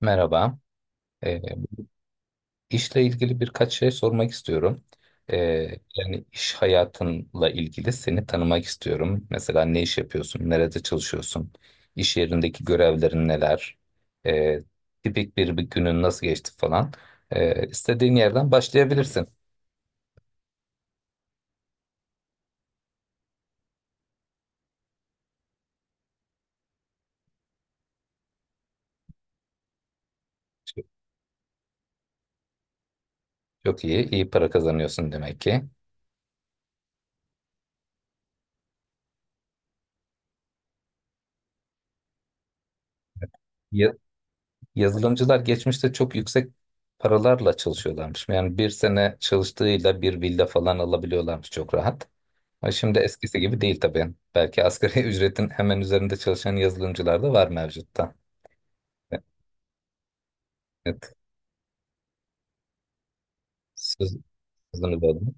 Merhaba. Ee, işle ilgili birkaç şey sormak istiyorum. Ee, Yani iş hayatınla ilgili seni tanımak istiyorum. Mesela ne iş yapıyorsun, nerede çalışıyorsun, iş yerindeki görevlerin neler, ee, tipik bir günün nasıl geçti falan. İstediğin yerden başlayabilirsin. Çok çok iyi para kazanıyorsun demek ki. Ya- Yazılımcılar geçmişte çok yüksek paralarla çalışıyorlarmış. Yani bir sene çalıştığıyla bir villa falan alabiliyorlarmış çok rahat. Ha, şimdi eskisi gibi değil tabii. Belki asgari ücretin hemen üzerinde çalışan yazılımcılar da var mevcutta. Evet. Söz, Sözünü böldüm.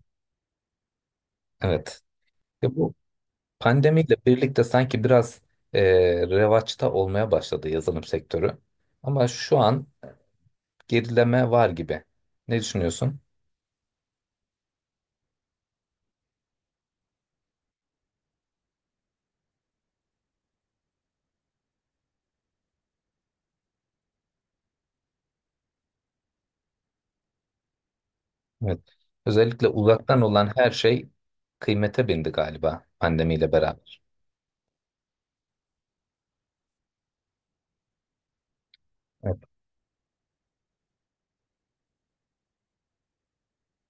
Evet. Ya bu pandemiyle birlikte sanki biraz e, revaçta olmaya başladı yazılım sektörü. Ama şu an gerileme var gibi. Ne düşünüyorsun? Evet. Özellikle uzaktan olan her şey kıymete bindi galiba pandemiyle beraber.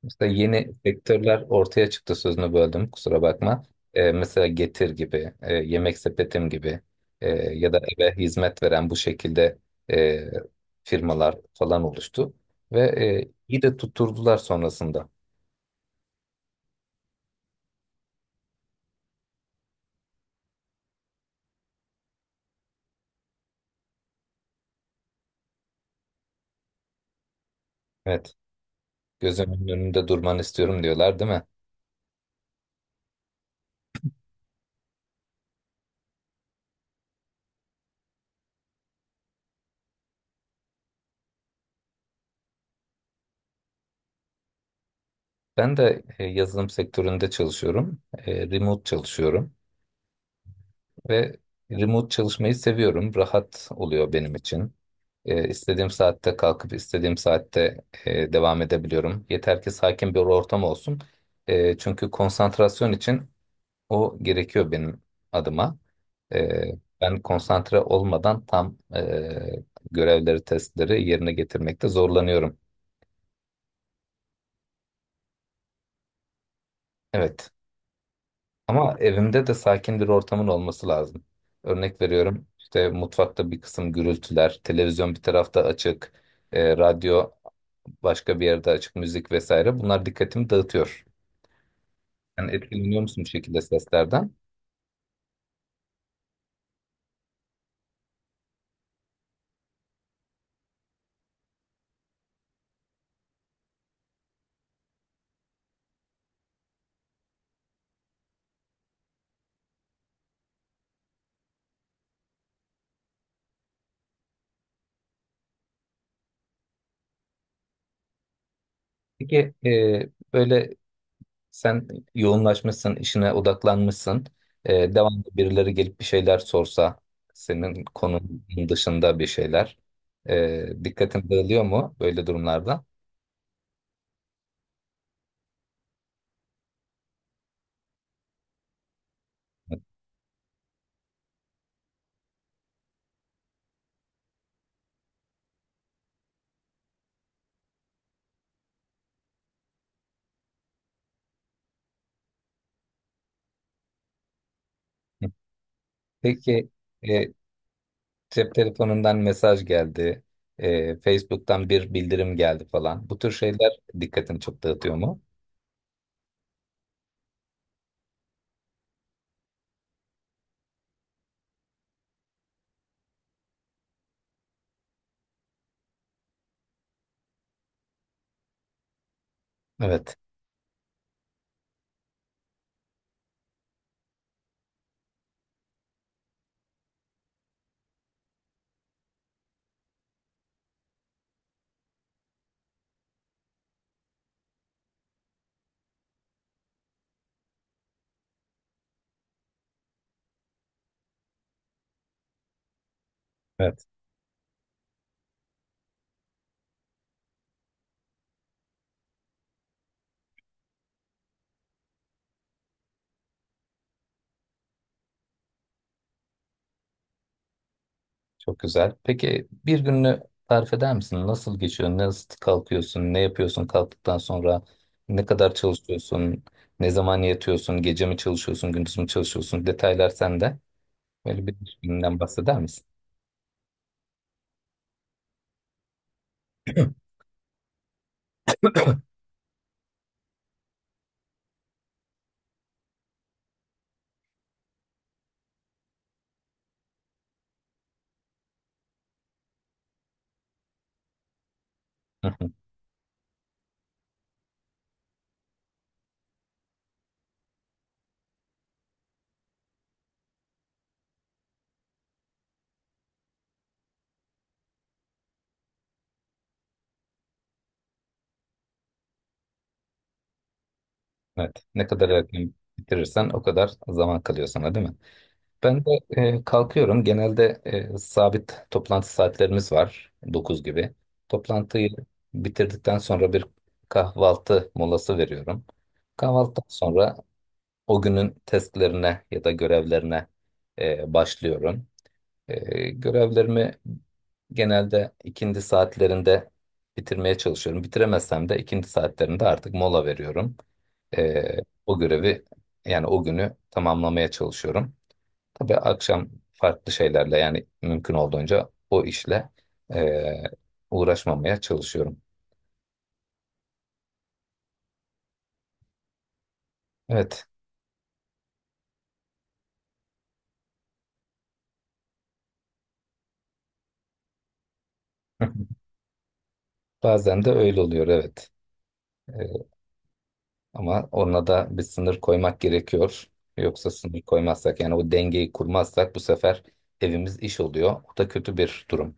Mesela yeni sektörler ortaya çıktı, sözünü böldüm, kusura bakma. Mesela Getir gibi, Yemek Sepetim gibi, ya da eve hizmet veren bu şekilde e, firmalar falan oluştu. Ve iyi de tutturdular sonrasında. Evet, gözümün önünde durmanı istiyorum diyorlar değil mi? Ben de yazılım sektöründe çalışıyorum. Remote çalışıyorum. Ve remote çalışmayı seviyorum. Rahat oluyor benim için. İstediğim saatte kalkıp istediğim saatte devam edebiliyorum. Yeter ki sakin bir ortam olsun. Çünkü konsantrasyon için o gerekiyor benim adıma. Ee, Ben konsantre olmadan tam görevleri, testleri yerine getirmekte zorlanıyorum. Evet. Ama evimde de sakin bir ortamın olması lazım. Örnek veriyorum, işte mutfakta bir kısım gürültüler, televizyon bir tarafta açık, radyo başka bir yerde açık, müzik vesaire. Bunlar dikkatimi dağıtıyor. Yani etkileniyor musun bu şekilde seslerden? Peki böyle sen yoğunlaşmışsın, işine odaklanmışsın. Devamlı birileri gelip bir şeyler sorsa, senin konunun dışında bir şeyler. Dikkatin dağılıyor mu böyle durumlarda? Peki. E, Cep telefonundan mesaj geldi. Facebook'tan bir bildirim geldi falan. Bu tür şeyler dikkatini çok dağıtıyor mu? Evet. Evet. Çok güzel. Peki bir gününü tarif eder misin? Nasıl geçiyor? Nasıl kalkıyorsun? Ne yapıyorsun kalktıktan sonra? Ne kadar çalışıyorsun? Ne zaman yatıyorsun? Gece mi çalışıyorsun? Gündüz mü çalışıyorsun? Detaylar sende. Böyle bir iş gününden bahseder misin? Evet. Ne kadar erken bitirirsen o kadar zaman kalıyor sana, değil mi? Ben de kalkıyorum. Genelde sabit toplantı saatlerimiz var, 9 gibi. Toplantıyı bitirdikten sonra bir kahvaltı molası veriyorum. Kahvaltıdan sonra o günün testlerine ya da görevlerine başlıyorum. Görevlerimi genelde ikindi saatlerinde bitirmeye çalışıyorum. Bitiremezsem de ikindi saatlerinde artık mola veriyorum. E, O görevi, yani o günü tamamlamaya çalışıyorum. Tabii akşam farklı şeylerle, yani mümkün olduğunca o işle eee, uğraşmamaya çalışıyorum. Evet. Bazen de öyle oluyor, evet. Eee, Ama ona da bir sınır koymak gerekiyor. Yoksa sınır koymazsak, yani o dengeyi kurmazsak, bu sefer evimiz iş oluyor. O da kötü bir durum.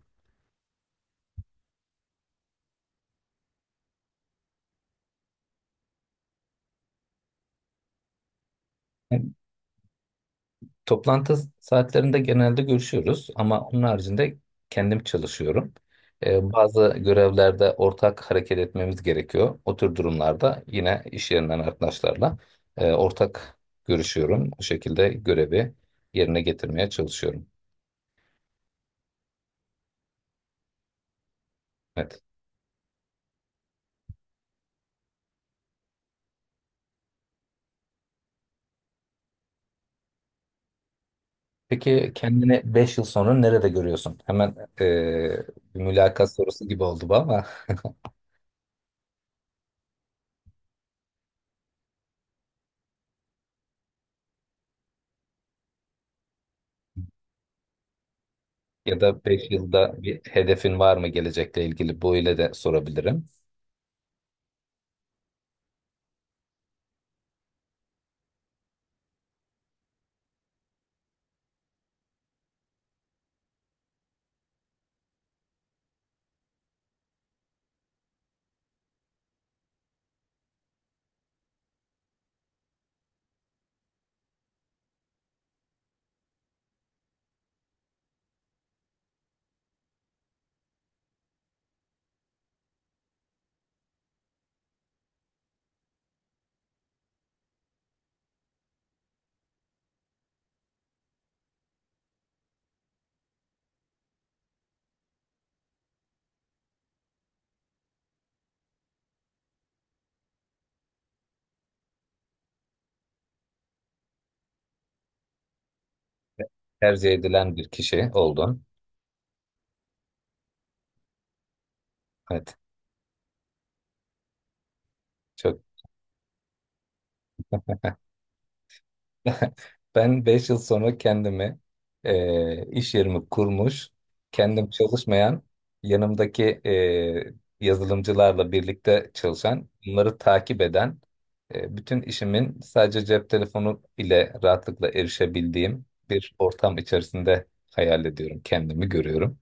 Toplantı saatlerinde genelde görüşüyoruz ama onun haricinde kendim çalışıyorum. Bazı görevlerde ortak hareket etmemiz gerekiyor. O tür durumlarda yine iş yerinden arkadaşlarla ortak görüşüyorum. O şekilde görevi yerine getirmeye çalışıyorum. Evet. Peki kendini 5 yıl sonra nerede görüyorsun? Hemen bir mülakat sorusu gibi oldu bu ama ya da 5 yılda bir hedefin var mı gelecekle ilgili? Bu ile de sorabilirim, tercih edilen bir kişi oldun. Evet, çok. Ben 5 yıl sonra kendimi iş yerimi kurmuş, kendim çalışmayan, yanımdaki yazılımcılarla birlikte çalışan, bunları takip eden, e, bütün işimin sadece cep telefonu ile rahatlıkla erişebildiğim bir ortam içerisinde hayal ediyorum, kendimi görüyorum.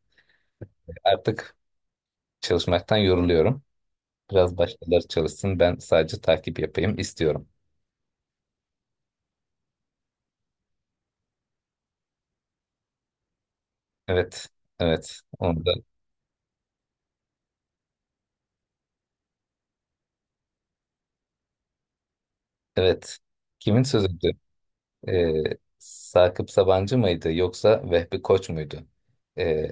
Artık çalışmaktan yoruluyorum. Biraz başkaları çalışsın, ben sadece takip yapayım istiyorum. Evet, evet. Onu da. Evet. Kimin sözüydü? Ee, Sakıp Sabancı mıydı yoksa Vehbi Koç muydu? Ee,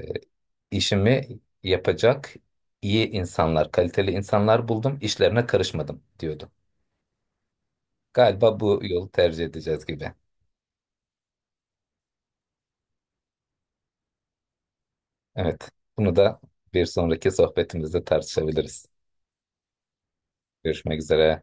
işimi yapacak iyi insanlar, kaliteli insanlar buldum, işlerine karışmadım diyordu. Galiba bu yolu tercih edeceğiz gibi. Evet. Bunu da bir sonraki sohbetimizde tartışabiliriz. Görüşmek üzere.